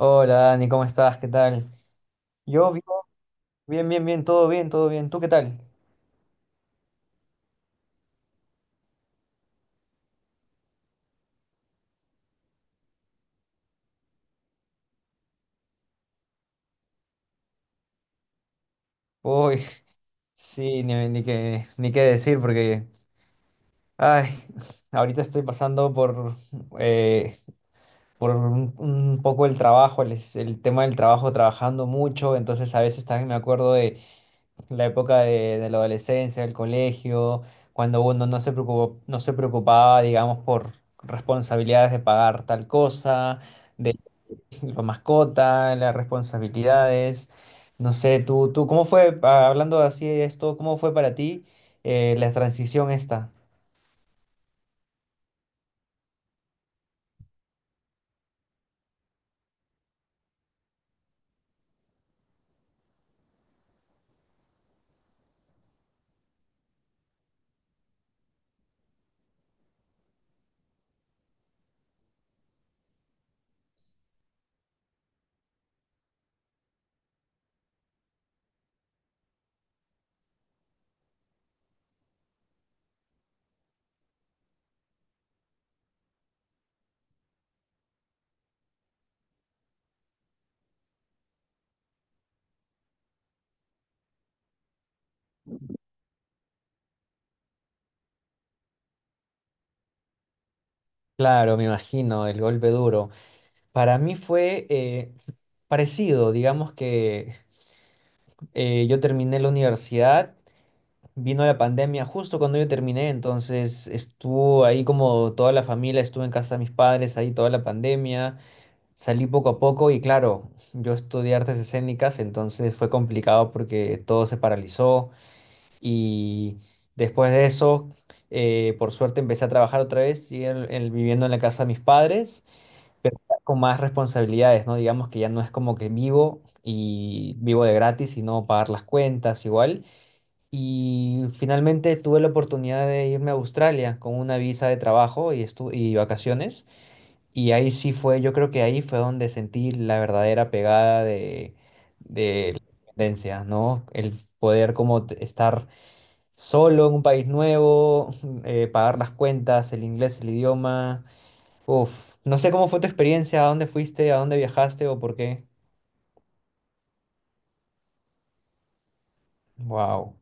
Hola Dani, ¿cómo estás? ¿Qué tal? Yo vivo bien, todo bien. ¿Tú qué tal? Uy, sí, ni qué decir porque, ay, ahorita estoy pasando eh, por un poco el trabajo, el tema del trabajo, trabajando mucho, entonces a veces también me acuerdo de la época de la adolescencia, del colegio, cuando uno no se preocupaba, digamos, por responsabilidades de pagar tal cosa, la mascota, las responsabilidades. No sé, tú, ¿cómo fue, ah, hablando así de esto, cómo fue para ti la transición esta? Claro, me imagino, el golpe duro. Para mí fue parecido, digamos que yo terminé la universidad, vino la pandemia justo cuando yo terminé, entonces estuvo ahí como toda la familia, estuve en casa de mis padres ahí toda la pandemia. Salí poco a poco y claro, yo estudié artes escénicas, entonces fue complicado porque todo se paralizó y después de eso, por suerte empecé a trabajar otra vez y viviendo en la casa de mis padres, pero ya con más responsabilidades, ¿no? Digamos que ya no es como que vivo y vivo de gratis, sino pagar las cuentas igual. Y finalmente tuve la oportunidad de irme a Australia con una visa de trabajo y, y vacaciones. Y ahí sí fue, yo creo que ahí fue donde sentí la verdadera pegada de la independencia, ¿no? El poder como estar solo en un país nuevo, pagar las cuentas, el inglés, el idioma. Uf, no sé cómo fue tu experiencia, a dónde fuiste, a dónde viajaste o por qué. Wow.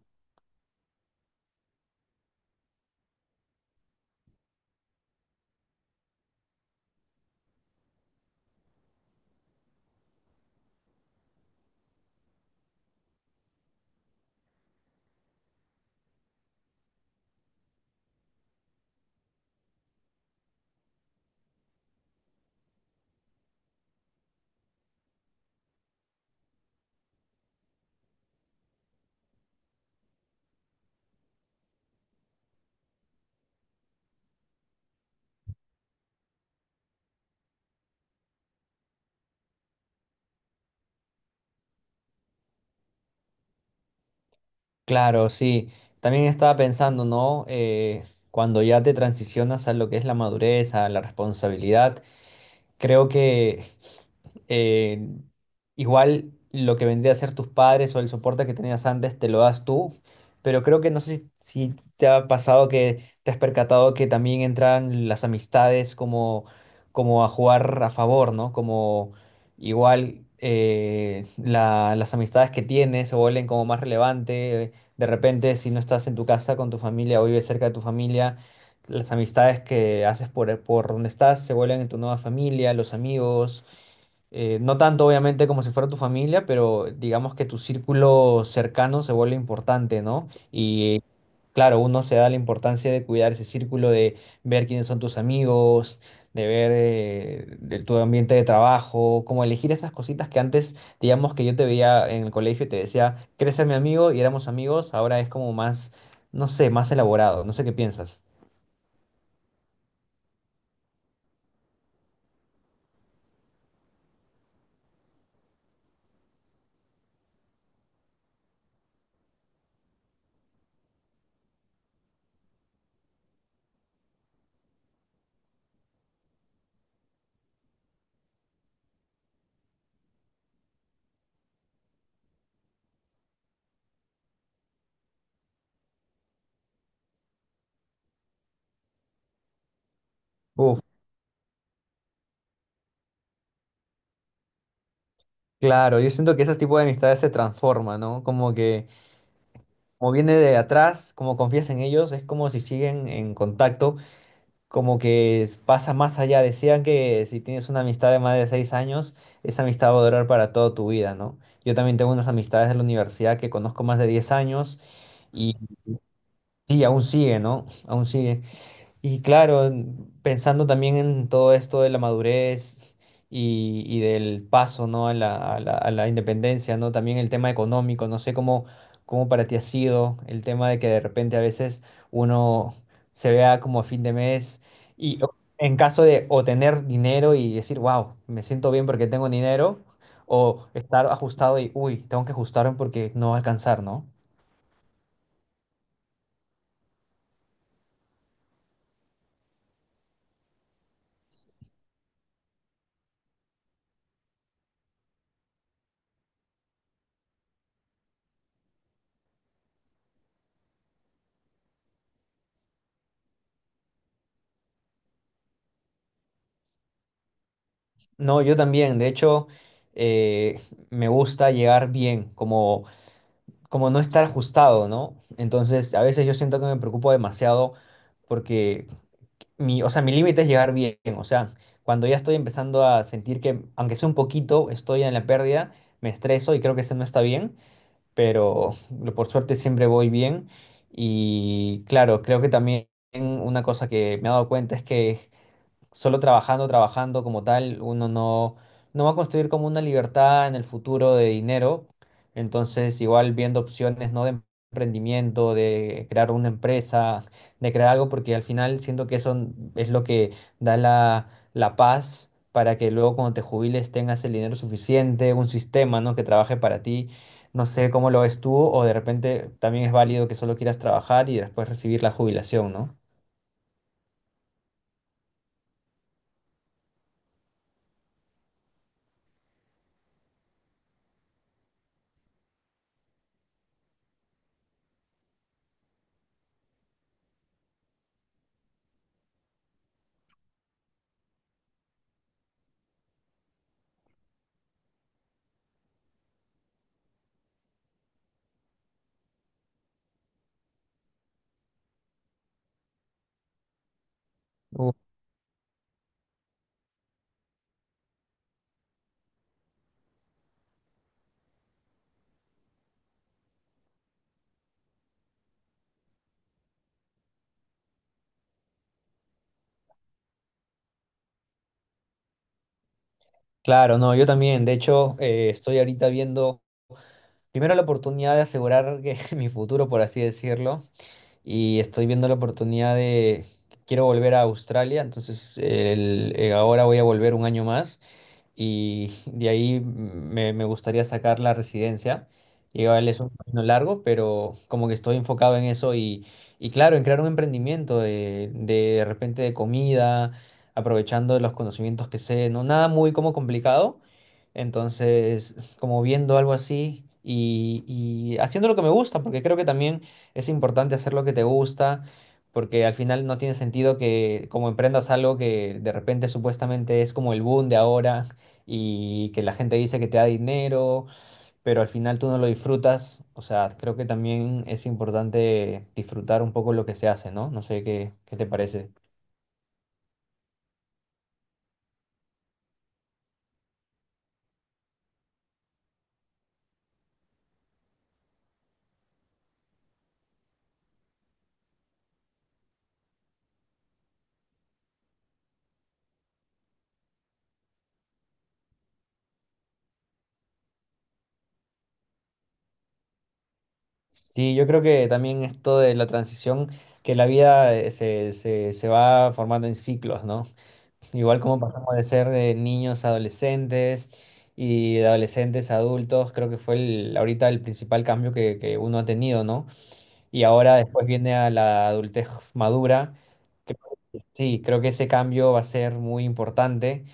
Claro, sí. También estaba pensando, ¿no? Cuando ya te transicionas a lo que es la madurez, a la responsabilidad. Creo que eh, igual lo que vendría a ser tus padres o el soporte que tenías antes te lo das tú, pero creo que no sé si te ha pasado que te has percatado que también entran las amistades como, como a jugar a favor, ¿no? Como igual las amistades que tienes se vuelven como más relevante. De repente, si no estás en tu casa con tu familia o vives cerca de tu familia, las amistades que haces por donde estás se vuelven en tu nueva familia, los amigos, no tanto obviamente como si fuera tu familia, pero digamos que tu círculo cercano se vuelve importante, ¿no? Y claro, uno se da la importancia de cuidar ese círculo, de ver quiénes son tus amigos, de ver de tu ambiente de trabajo, como elegir esas cositas que antes, digamos que yo te veía en el colegio y te decía, ¿quieres ser mi amigo? Y éramos amigos, ahora es como más, no sé, más elaborado, no sé qué piensas. Claro, yo siento que ese tipo de amistades se transforma, ¿no? Como que, como viene de atrás, como confías en ellos, es como si siguen en contacto, como que pasa más allá. Decían que si tienes una amistad de más de 6 años, esa amistad va a durar para toda tu vida, ¿no? Yo también tengo unas amistades de la universidad que conozco más de 10 años y sí, aún sigue, ¿no? Aún sigue. Y claro, pensando también en todo esto de la madurez y del paso, ¿no? a a la independencia, ¿no? También el tema económico, no sé cómo, cómo para ti ha sido el tema de que de repente a veces uno se vea como a fin de mes y en caso de o tener dinero y decir, wow, me siento bien porque tengo dinero, o estar ajustado y, uy, tengo que ajustarme porque no va a alcanzar, ¿no? No, yo también. De hecho, eh, me gusta llegar bien, como, como no estar ajustado, ¿no? Entonces, a veces yo siento que me preocupo demasiado porque mi, o sea, mi límite es llegar bien. O sea, cuando ya estoy empezando a sentir que, aunque sea un poquito, estoy en la pérdida, me estreso y creo que eso no está bien, pero por suerte siempre voy bien. Y claro, creo que también una cosa que me he dado cuenta es que solo trabajando, trabajando como tal, uno no, no va a construir como una libertad en el futuro de dinero. Entonces, igual viendo opciones, ¿no? De emprendimiento, de crear una empresa, de crear algo, porque al final siento que eso es lo que da la, la paz para que luego cuando te jubiles tengas el dinero suficiente, un sistema, ¿no? Que trabaje para ti. No sé cómo lo ves tú, o de repente también es válido que solo quieras trabajar y después recibir la jubilación, ¿no? Claro, no, yo también. De hecho, estoy ahorita viendo primero la oportunidad de asegurar que mi futuro, por así decirlo, y estoy viendo la oportunidad de quiero volver a Australia, entonces ahora voy a volver un año más y de ahí me, me gustaría sacar la residencia. Llevarle es un camino largo, pero como que estoy enfocado en eso y claro, en crear un emprendimiento de repente de comida, aprovechando los conocimientos que sé, no nada muy como complicado. Entonces, como viendo algo así y haciendo lo que me gusta, porque creo que también es importante hacer lo que te gusta, porque al final no tiene sentido que como emprendas algo que de repente supuestamente es como el boom de ahora y que la gente dice que te da dinero, pero al final tú no lo disfrutas. O sea, creo que también es importante disfrutar un poco lo que se hace, ¿no? No sé qué, qué te parece. Sí, yo creo que también esto de la transición, que la vida se va formando en ciclos, ¿no? Igual como pasamos de ser de niños a adolescentes y de adolescentes a adultos, creo que fue el, ahorita el principal cambio que uno ha tenido, ¿no? Y ahora después viene a la adultez madura. Sí, creo que ese cambio va a ser muy importante.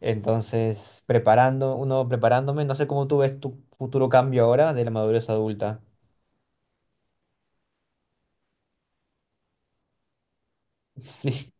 Entonces, preparando, uno preparándome, no sé cómo tú ves tu futuro cambio ahora de la madurez adulta. Sí,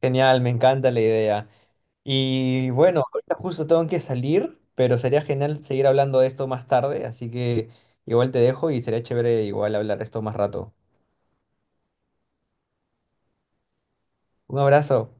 genial, me encanta la idea. Y bueno, ahorita justo tengo que salir, pero sería genial seguir hablando de esto más tarde, así que igual te dejo y sería chévere igual hablar esto más rato. Un abrazo.